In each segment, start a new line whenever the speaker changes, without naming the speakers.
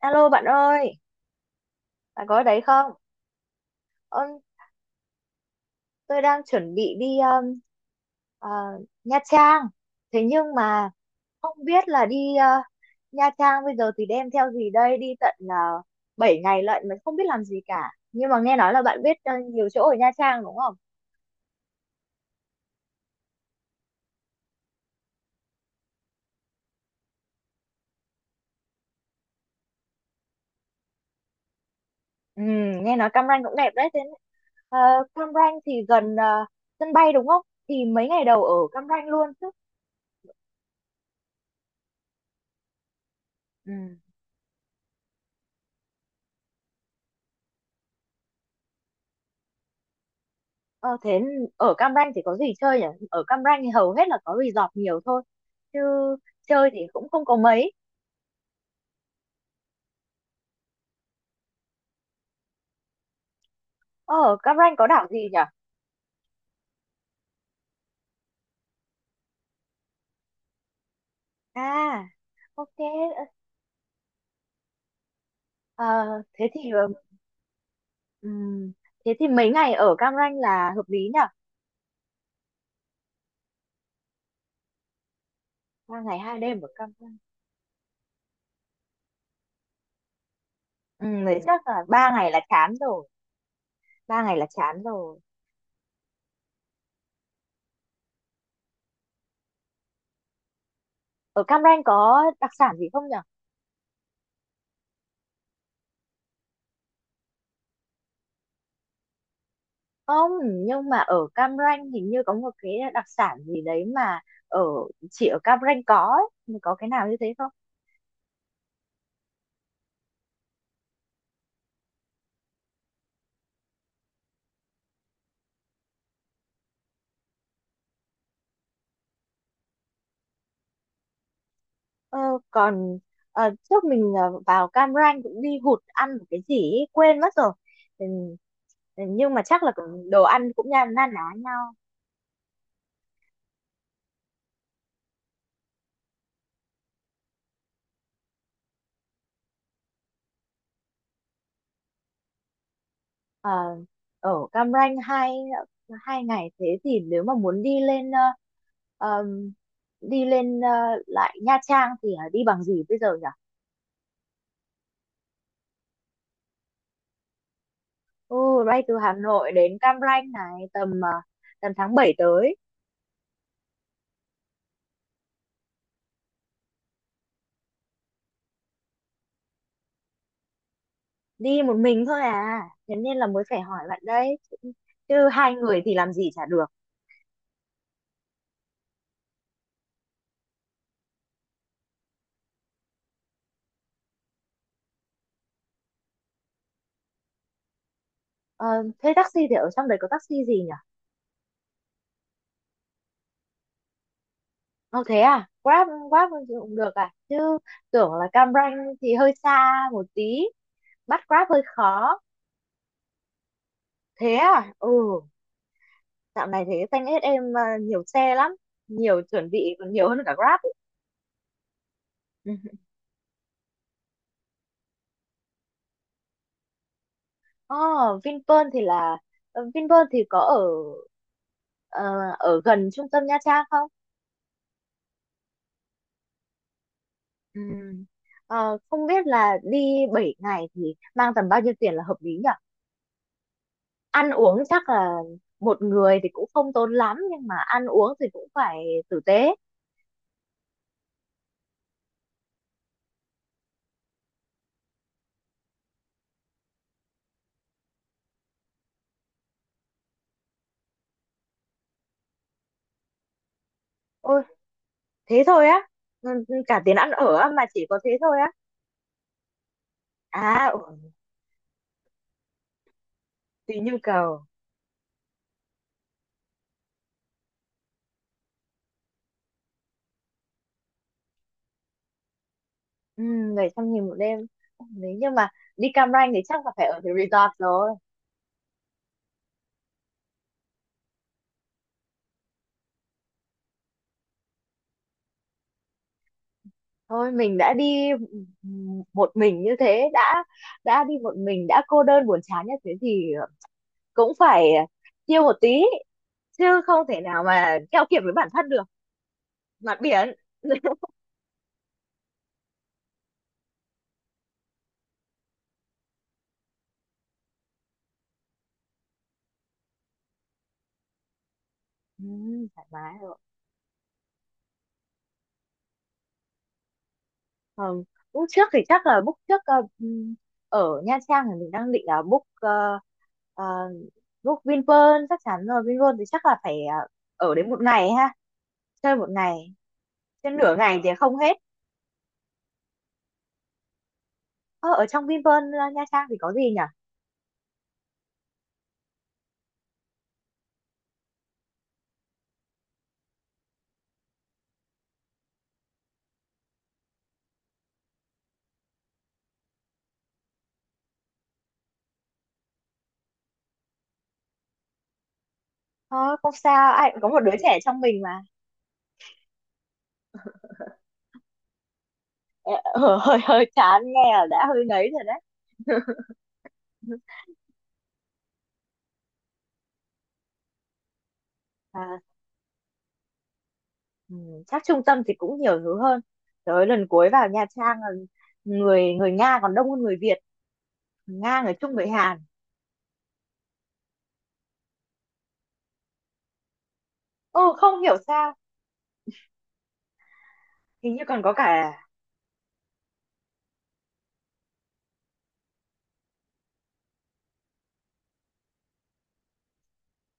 Alo bạn ơi, bạn có ở đấy không? Ơn, tôi đang chuẩn bị đi ờ, Nha Trang. Thế nhưng mà không biết là đi Nha Trang bây giờ thì đem theo gì đây? Đi tận 7 ngày lận mà không biết làm gì cả. Nhưng mà nghe nói là bạn biết nhiều chỗ ở Nha Trang đúng không? Ừ, nghe nói Cam Ranh cũng đẹp đấy. Thế ờ, Cam Ranh thì gần sân bay đúng không? Thì mấy ngày đầu ở Cam Ranh luôn chứ. Ừ. Ờ, thế ở Cam Ranh thì có gì chơi nhỉ? Ở Cam Ranh thì hầu hết là có resort nhiều thôi. Chứ chơi thì cũng không có mấy. Ờ, ở Cam Ranh có đảo gì nhỉ? À, ok. Ờ, thế thì ừm, thế thì mấy ngày ở Cam Ranh là hợp lý nhỉ? Ba ngày hai đêm ở Cam Ranh. Ừ, đấy chắc là ba ngày là chán rồi. Ba ngày là chán rồi. Ở Cam Ranh có đặc sản gì không nhỉ? Không, nhưng mà ở Cam Ranh hình như có một cái đặc sản gì đấy mà ở chỉ ở Cam Ranh có ấy. Có cái nào như thế không? Ờ, còn trước mình vào Cam Ranh cũng đi hụt ăn một cái gì ấy, quên mất rồi. Ừ, nhưng mà chắc là đồ ăn cũng na na ná nhau. Ờ, ở Cam Ranh hai hai ngày thế thì nếu mà muốn đi lên ờm, đi lên lại Nha Trang thì đi bằng gì bây giờ nhỉ? Ừ, bay từ Hà Nội đến Cam Ranh này tầm tầm tháng 7 tới. Đi một mình thôi à, thế nên là mới phải hỏi bạn đây chứ, chứ hai người thì làm gì chả được. Ờ, thế taxi thì ở trong đấy có taxi gì nhỉ? Ờ thế à, Grab, Grab thì cũng được à? Chứ tưởng là Cam Ranh thì hơi xa một tí, bắt Grab hơi khó. Thế à? Ừ, dạo này thế xanh hết em à, nhiều xe lắm, nhiều, chuẩn bị còn nhiều hơn cả Grab ấy. Ờ, Vinpearl thì là Vinpearl thì có ở ờ, ở gần trung tâm Nha Trang không? Ừ. Ờ, không biết là đi 7 ngày thì mang tầm bao nhiêu tiền là hợp lý nhỉ? Ăn uống chắc là một người thì cũng không tốn lắm nhưng mà ăn uống thì cũng phải tử tế. Ôi, thế thôi á? Ừ, cả tiền ăn ở á mà chỉ có thế thôi á? À, ừ, tùy nhu cầu. Ừ, 700 nghìn một đêm. Ừ, nếu như mà đi Cam Ranh thì chắc là phải ở cái resort rồi. Thôi mình đã đi một mình như thế, đã đi một mình đã cô đơn buồn chán như thế thì cũng phải chill một tí, chứ không thể nào mà keo kiệt với bản thân được. Mặt biển. Ừ, thoải mái rồi. Ờ, lúc trước thì chắc là book trước ở Nha Trang thì mình đang định là book ờ, book Vinpearl chắc chắn rồi. Vinpearl thì chắc là phải ở đến một ngày ha, chơi một ngày, trên nửa ngày thì không hết. Ờ, Ở trong Vinpearl Nha Trang thì có gì nhỉ? Ờ, không sao, ai cũng có một đứa trẻ trong mình mà. Ờ, hơi hơi chán, nghe là đã hơi ngấy rồi đấy. À, ừ, chắc trung tâm thì cũng nhiều thứ hơn. Tới lần cuối vào Nha Trang là người, người Nga còn đông hơn người Việt, người Nga, người Trung, người Hàn. Ừ, không hiểu sao, hình như còn có cả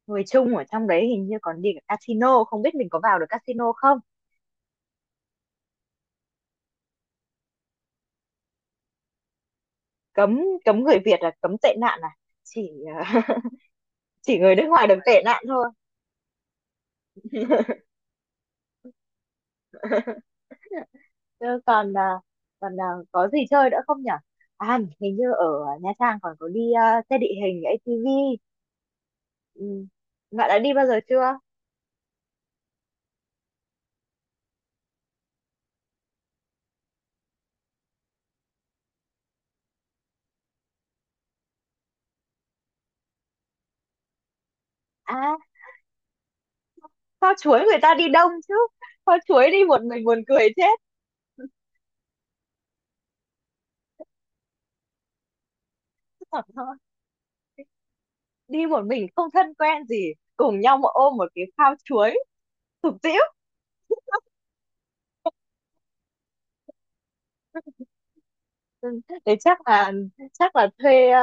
người Trung ở trong đấy, hình như còn đi cả casino, không biết mình có vào được casino không? Cấm, cấm người Việt, là cấm tệ nạn à? Chỉ chỉ người nước ngoài được tệ nạn thôi. Chứ còn có gì chơi nữa không nhở? À, hình như ở Nha Trang còn có đi xe địa hình ATV. Ừ. Bạn đã đi bao giờ chưa? À, kho chuối người ta đi đông chứ. Kho chuối đi một mình buồn cười chết. Đi một mình không thân quen gì. Cùng nhau mà ôm một cái phao chuối. Tụt tĩu. Ừ, thế chắc là thuê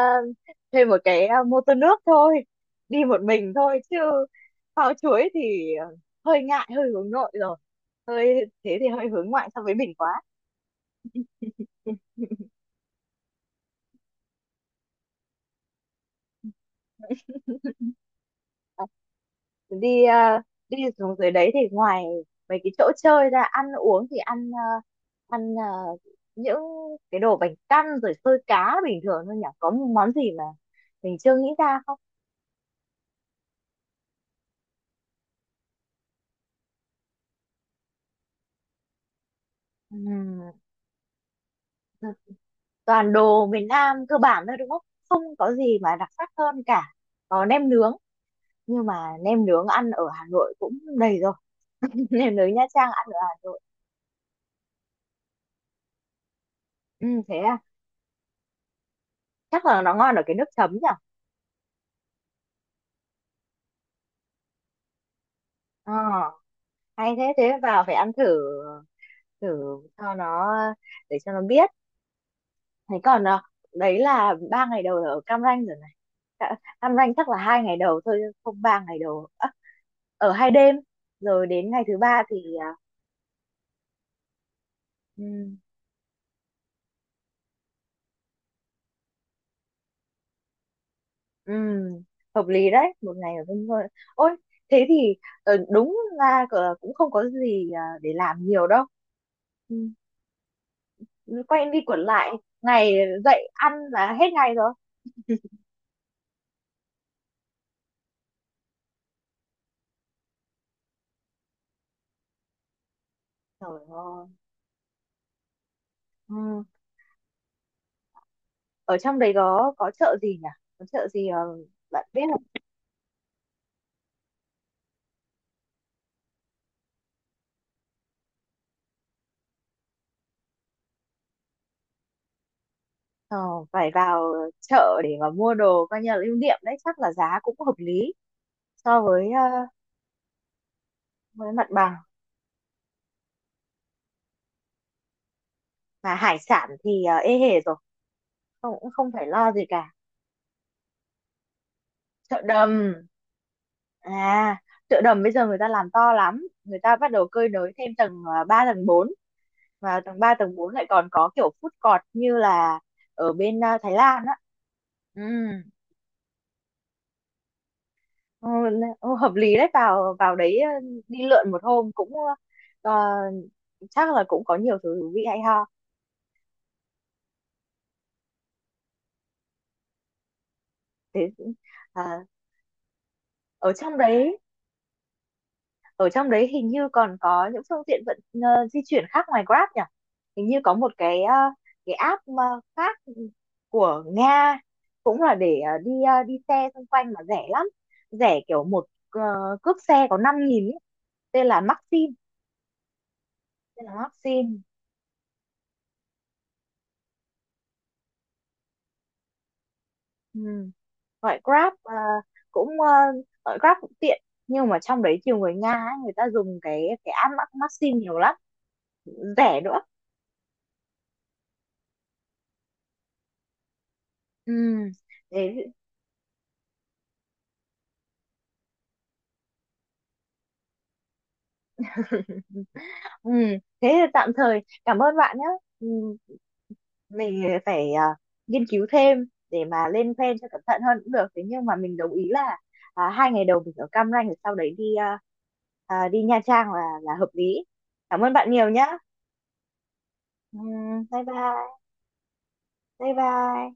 thuê một cái mô tô nước thôi, đi một mình thôi chứ phao chuối thì hơi ngại, hơi hướng nội rồi, hơi thế thì hơi hướng ngoại so với mình quá. Ờ, đi đi xuống dưới đấy thì ngoài mấy cái chỗ chơi ra, ăn uống thì ăn những cái đồ bánh căn rồi xôi cá bình thường thôi nhỉ, có món gì mà mình chưa nghĩ ra không? Ừ, toàn đồ miền Nam cơ bản thôi đúng không? Không có gì mà đặc sắc hơn cả. Có nem nướng, nhưng mà nem nướng ăn ở Hà Nội cũng đầy rồi. Nem nướng Nha Trang ăn ở Hà Nội. Ừ, thế à? Chắc là nó ngon ở cái nước chấm nhỉ? Ờ, hay thế, vào phải ăn thử, thử cho nó, để cho nó biết. Thế còn à, đấy là ba ngày đầu ở Cam Ranh rồi này. Ca- Cam Ranh chắc là hai ngày đầu thôi, không, ba ngày đầu. À, ở hai đêm rồi đến ngày thứ ba thì à, ừ, ừ, hợp lý đấy, một ngày ở bên thôi. Ôi, thế thì đúng ra cũng không có gì để làm nhiều đâu. Ừ, quay đi quẩn lại, ngày dậy ăn là hết ngày rồi. Trời ơi. Ừ. Ở trong đấy có chợ gì nhỉ? Có chợ gì bạn biết không? Ờ, phải vào chợ để mà mua đồ coi như là lưu niệm đấy, chắc là giá cũng hợp lý so với với mặt bằng. Mà hải sản thì ê hề rồi, không, cũng không phải lo gì cả. Chợ đầm. À, chợ đầm bây giờ người ta làm to lắm, người ta bắt đầu cơi nới thêm tầng 3 tầng bốn, và tầng 3 tầng 4 lại còn có kiểu food court như là ở bên Thái Lan á. Ừ, ừ, ừ, hợp lý đấy, vào vào đấy đi lượn một hôm cũng ờ, chắc là cũng có nhiều thứ thú vị hay ho. Thế ờ, ở trong đấy ở trong đấy hình như còn có những phương tiện di chuyển khác ngoài Grab nhỉ, hình như có một cái cái app mà khác, ừ, của Nga, cũng là để đi xe xung quanh mà rẻ lắm, rẻ kiểu một cước xe có 5 nghìn ý. tên là Maxim Tên là Maxim. Ừ, gọi Grab cũng ờ, gọi Grab cũng tiện nhưng mà trong đấy nhiều người Nga ấy, người ta dùng cái app Maxim nhiều lắm, rẻ nữa. Ừ, thế. Ừ, thế thì tạm thời cảm ơn bạn nhé. Ừ, mình phải nghiên cứu thêm để mà lên plan cho cẩn thận hơn cũng được. Thế nhưng mà mình đồng ý là hai ngày đầu mình ở Cam Ranh rồi sau đấy đi đi Nha Trang là hợp lý. Cảm ơn bạn nhiều nhé. Ừ, bye bye, bye bye.